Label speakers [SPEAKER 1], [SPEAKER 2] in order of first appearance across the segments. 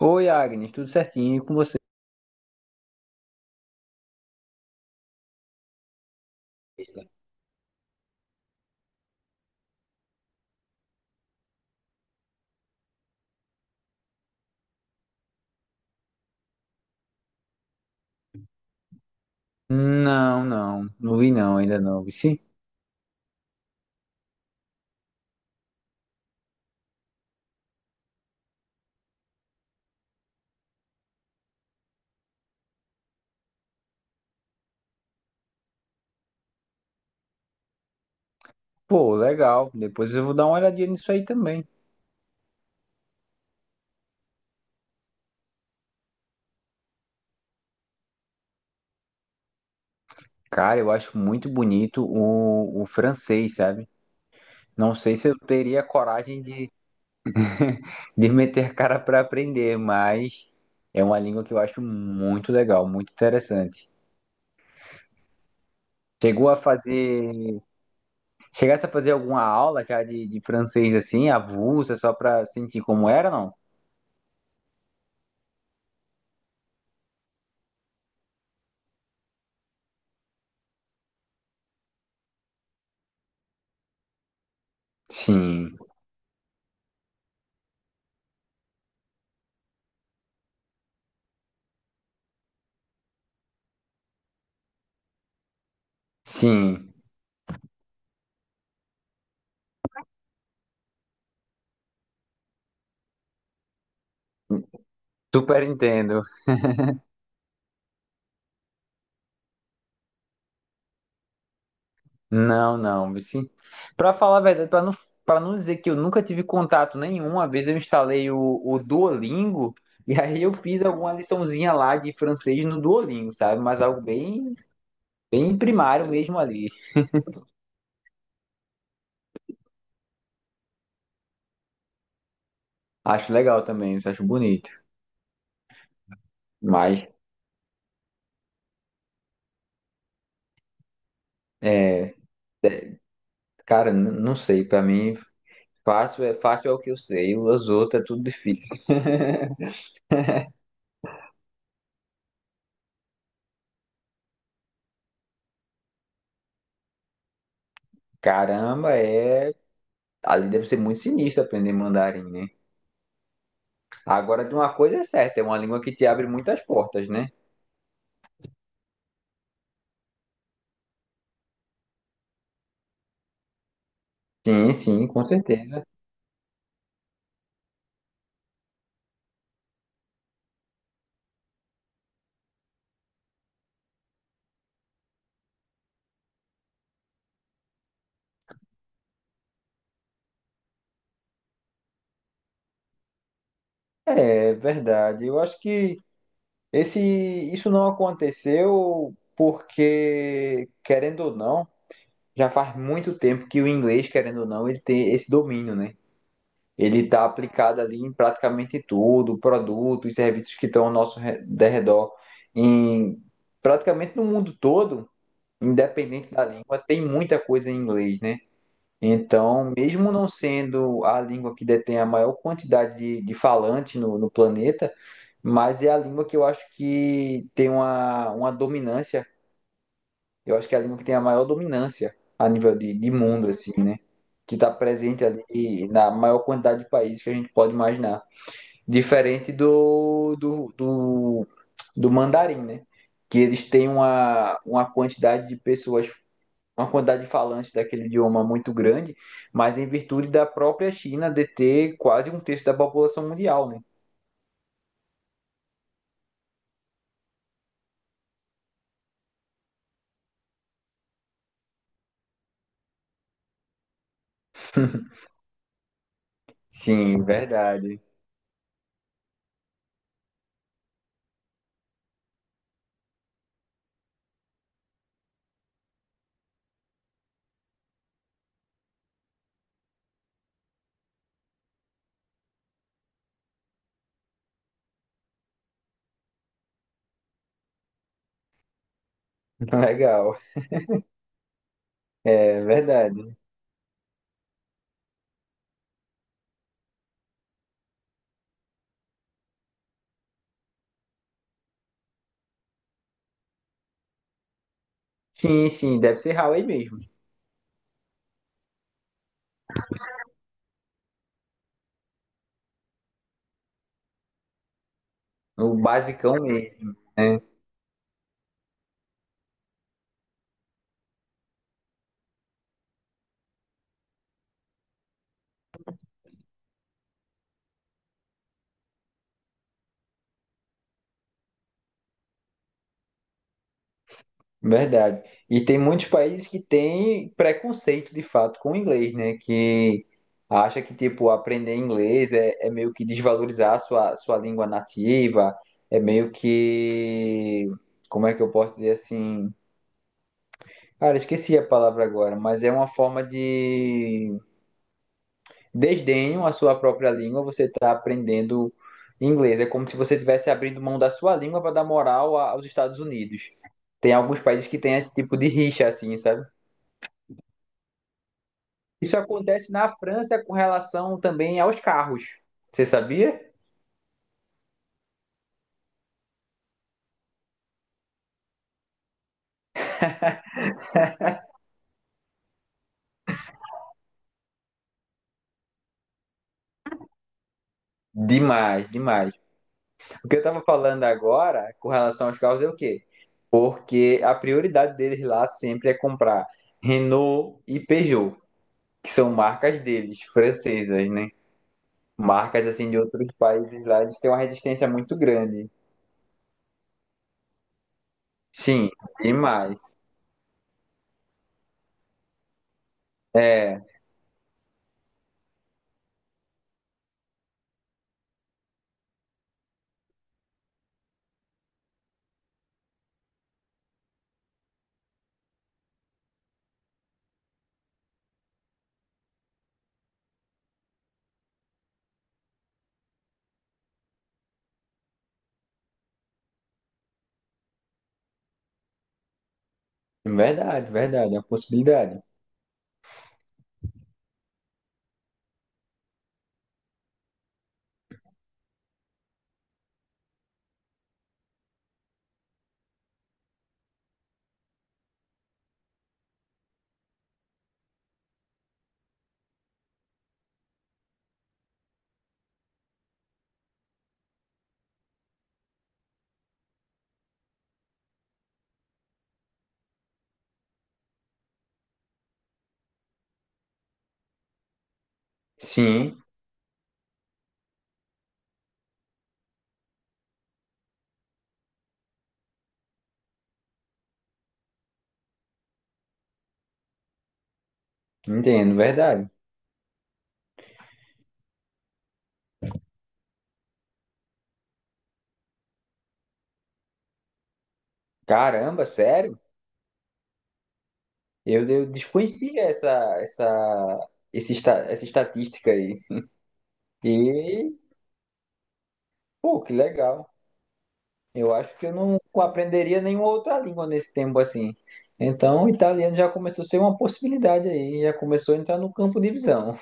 [SPEAKER 1] Oi, Agnes, tudo certinho e com você? Não, não, não vi não, ainda não, vi sim. Pô, legal, depois eu vou dar uma olhadinha nisso aí também. Cara, eu acho muito bonito o francês, sabe? Não sei se eu teria coragem de meter cara pra aprender, mas é uma língua que eu acho muito legal, muito interessante. Chegou a fazer, chegasse a fazer alguma aula já de francês assim, avulsa, só pra sentir como era, não? Sim, sim, super entendo. Não, não, Vici. Pra falar a verdade, pra não, para não dizer que eu nunca tive contato nenhum, uma vez eu instalei o Duolingo e aí eu fiz alguma liçãozinha lá de francês no Duolingo, sabe? Mas algo bem, bem primário mesmo ali. Acho legal também, acho bonito. Mas, é, cara, não sei, pra mim fácil é o que eu sei, os outros é tudo difícil. Caramba, é, ali deve ser muito sinistro aprender mandarim, né? Agora, de uma coisa é certa, é uma língua que te abre muitas portas, né? Sim, sim, com certeza. É verdade. Eu acho que esse, isso não aconteceu porque, querendo ou não, já faz muito tempo que o inglês, querendo ou não, ele tem esse domínio, né? Ele está aplicado ali em praticamente tudo, produtos, e serviços que estão ao nosso derredor, em praticamente no mundo todo, independente da língua, tem muita coisa em inglês, né? Então, mesmo não sendo a língua que detém a maior quantidade de falantes no planeta, mas é a língua que eu acho que tem uma dominância. Eu acho que é a língua que tem a maior dominância a nível de mundo, assim, né? Que está presente ali na maior quantidade de países que a gente pode imaginar. Diferente do mandarim, né? Que eles têm uma quantidade de pessoas, uma quantidade de falantes daquele idioma muito grande, mas em virtude da própria China deter quase um terço da população mundial, né? Sim, verdade. Legal. É verdade. Sim, sim, deve ser Huawei mesmo. O basicão mesmo, né? Verdade. E tem muitos países que têm preconceito de fato com o inglês, né? Que acha que, tipo, aprender inglês é, é meio que desvalorizar a sua, sua língua nativa, é meio que. Como é que eu posso dizer assim? Cara, esqueci a palavra agora, mas é uma forma de desdenho à sua própria língua. Você está aprendendo inglês. É como se você estivesse abrindo mão da sua língua para dar moral aos Estados Unidos. Tem alguns países que têm esse tipo de rixa, assim, sabe? Isso acontece na França com relação também aos carros. Você sabia? Demais, demais. O que eu estava falando agora com relação aos carros é o quê? Porque a prioridade deles lá sempre é comprar Renault e Peugeot, que são marcas deles, francesas, né? Marcas assim de outros países lá, eles têm uma resistência muito grande. Sim, demais. É, verdade, verdade, é uma possibilidade. Sim, entendo, verdade. Caramba, sério? Eu desconhecia essa estatística aí. E, pô, que legal. Eu acho que eu não aprenderia nenhuma outra língua nesse tempo assim. Então, o italiano já começou a ser uma possibilidade aí, já começou a entrar no campo de visão.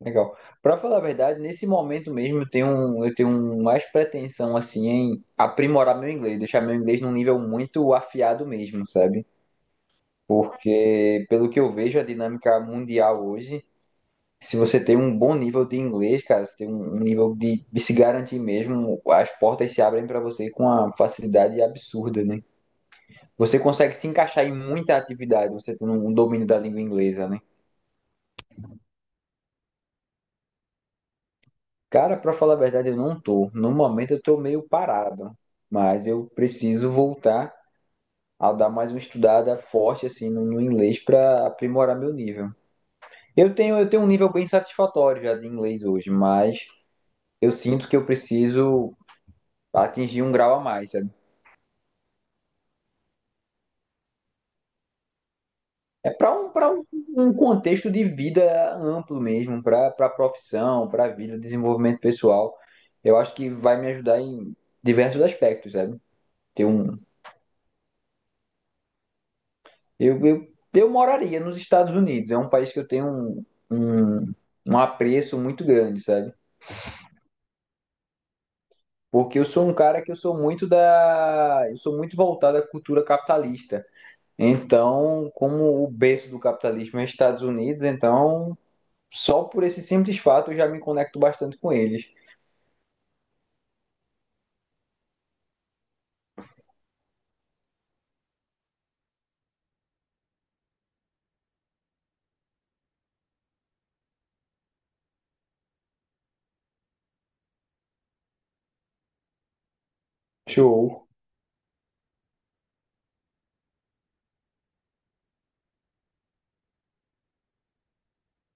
[SPEAKER 1] Legal. Pra falar a verdade, nesse momento mesmo eu tenho mais pretensão assim em aprimorar meu inglês, deixar meu inglês num nível muito afiado mesmo, sabe? Porque pelo que eu vejo a dinâmica mundial hoje, se você tem um bom nível de inglês, cara, você tem um nível de se garantir mesmo, as portas se abrem pra você com uma facilidade absurda, né? Você consegue se encaixar em muita atividade, você tendo um domínio da língua inglesa, né? Cara, pra falar a verdade, eu não tô. No momento eu tô meio parado, mas eu preciso voltar a dar mais uma estudada forte assim no inglês pra aprimorar meu nível. Eu tenho um nível bem satisfatório já de inglês hoje, mas eu sinto que eu preciso atingir um grau a mais, sabe? É pra um para um, um contexto de vida amplo mesmo, pra para profissão, pra vida, desenvolvimento pessoal. Eu acho que vai me ajudar em diversos aspectos, sabe? Ter um. Eu moraria nos Estados Unidos. É um país que eu tenho um, um apreço muito grande, sabe? Porque eu sou um cara que eu sou muito da. Eu sou muito voltado à cultura capitalista. Então, como o berço do capitalismo é Estados Unidos, então só por esse simples fato eu já me conecto bastante com eles. Show.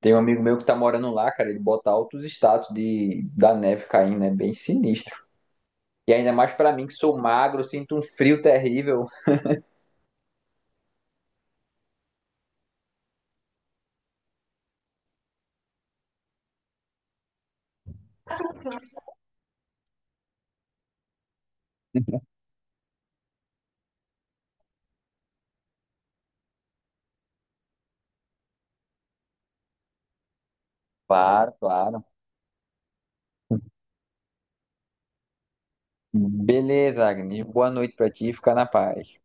[SPEAKER 1] Tem um amigo meu que tá morando lá, cara, ele bota altos status de da neve caindo, é bem sinistro. E ainda mais pra mim que sou magro, sinto um frio terrível. Claro, claro. Beleza, Agnes. Boa noite pra ti. Fica na paz.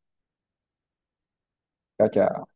[SPEAKER 1] Tchau, tchau.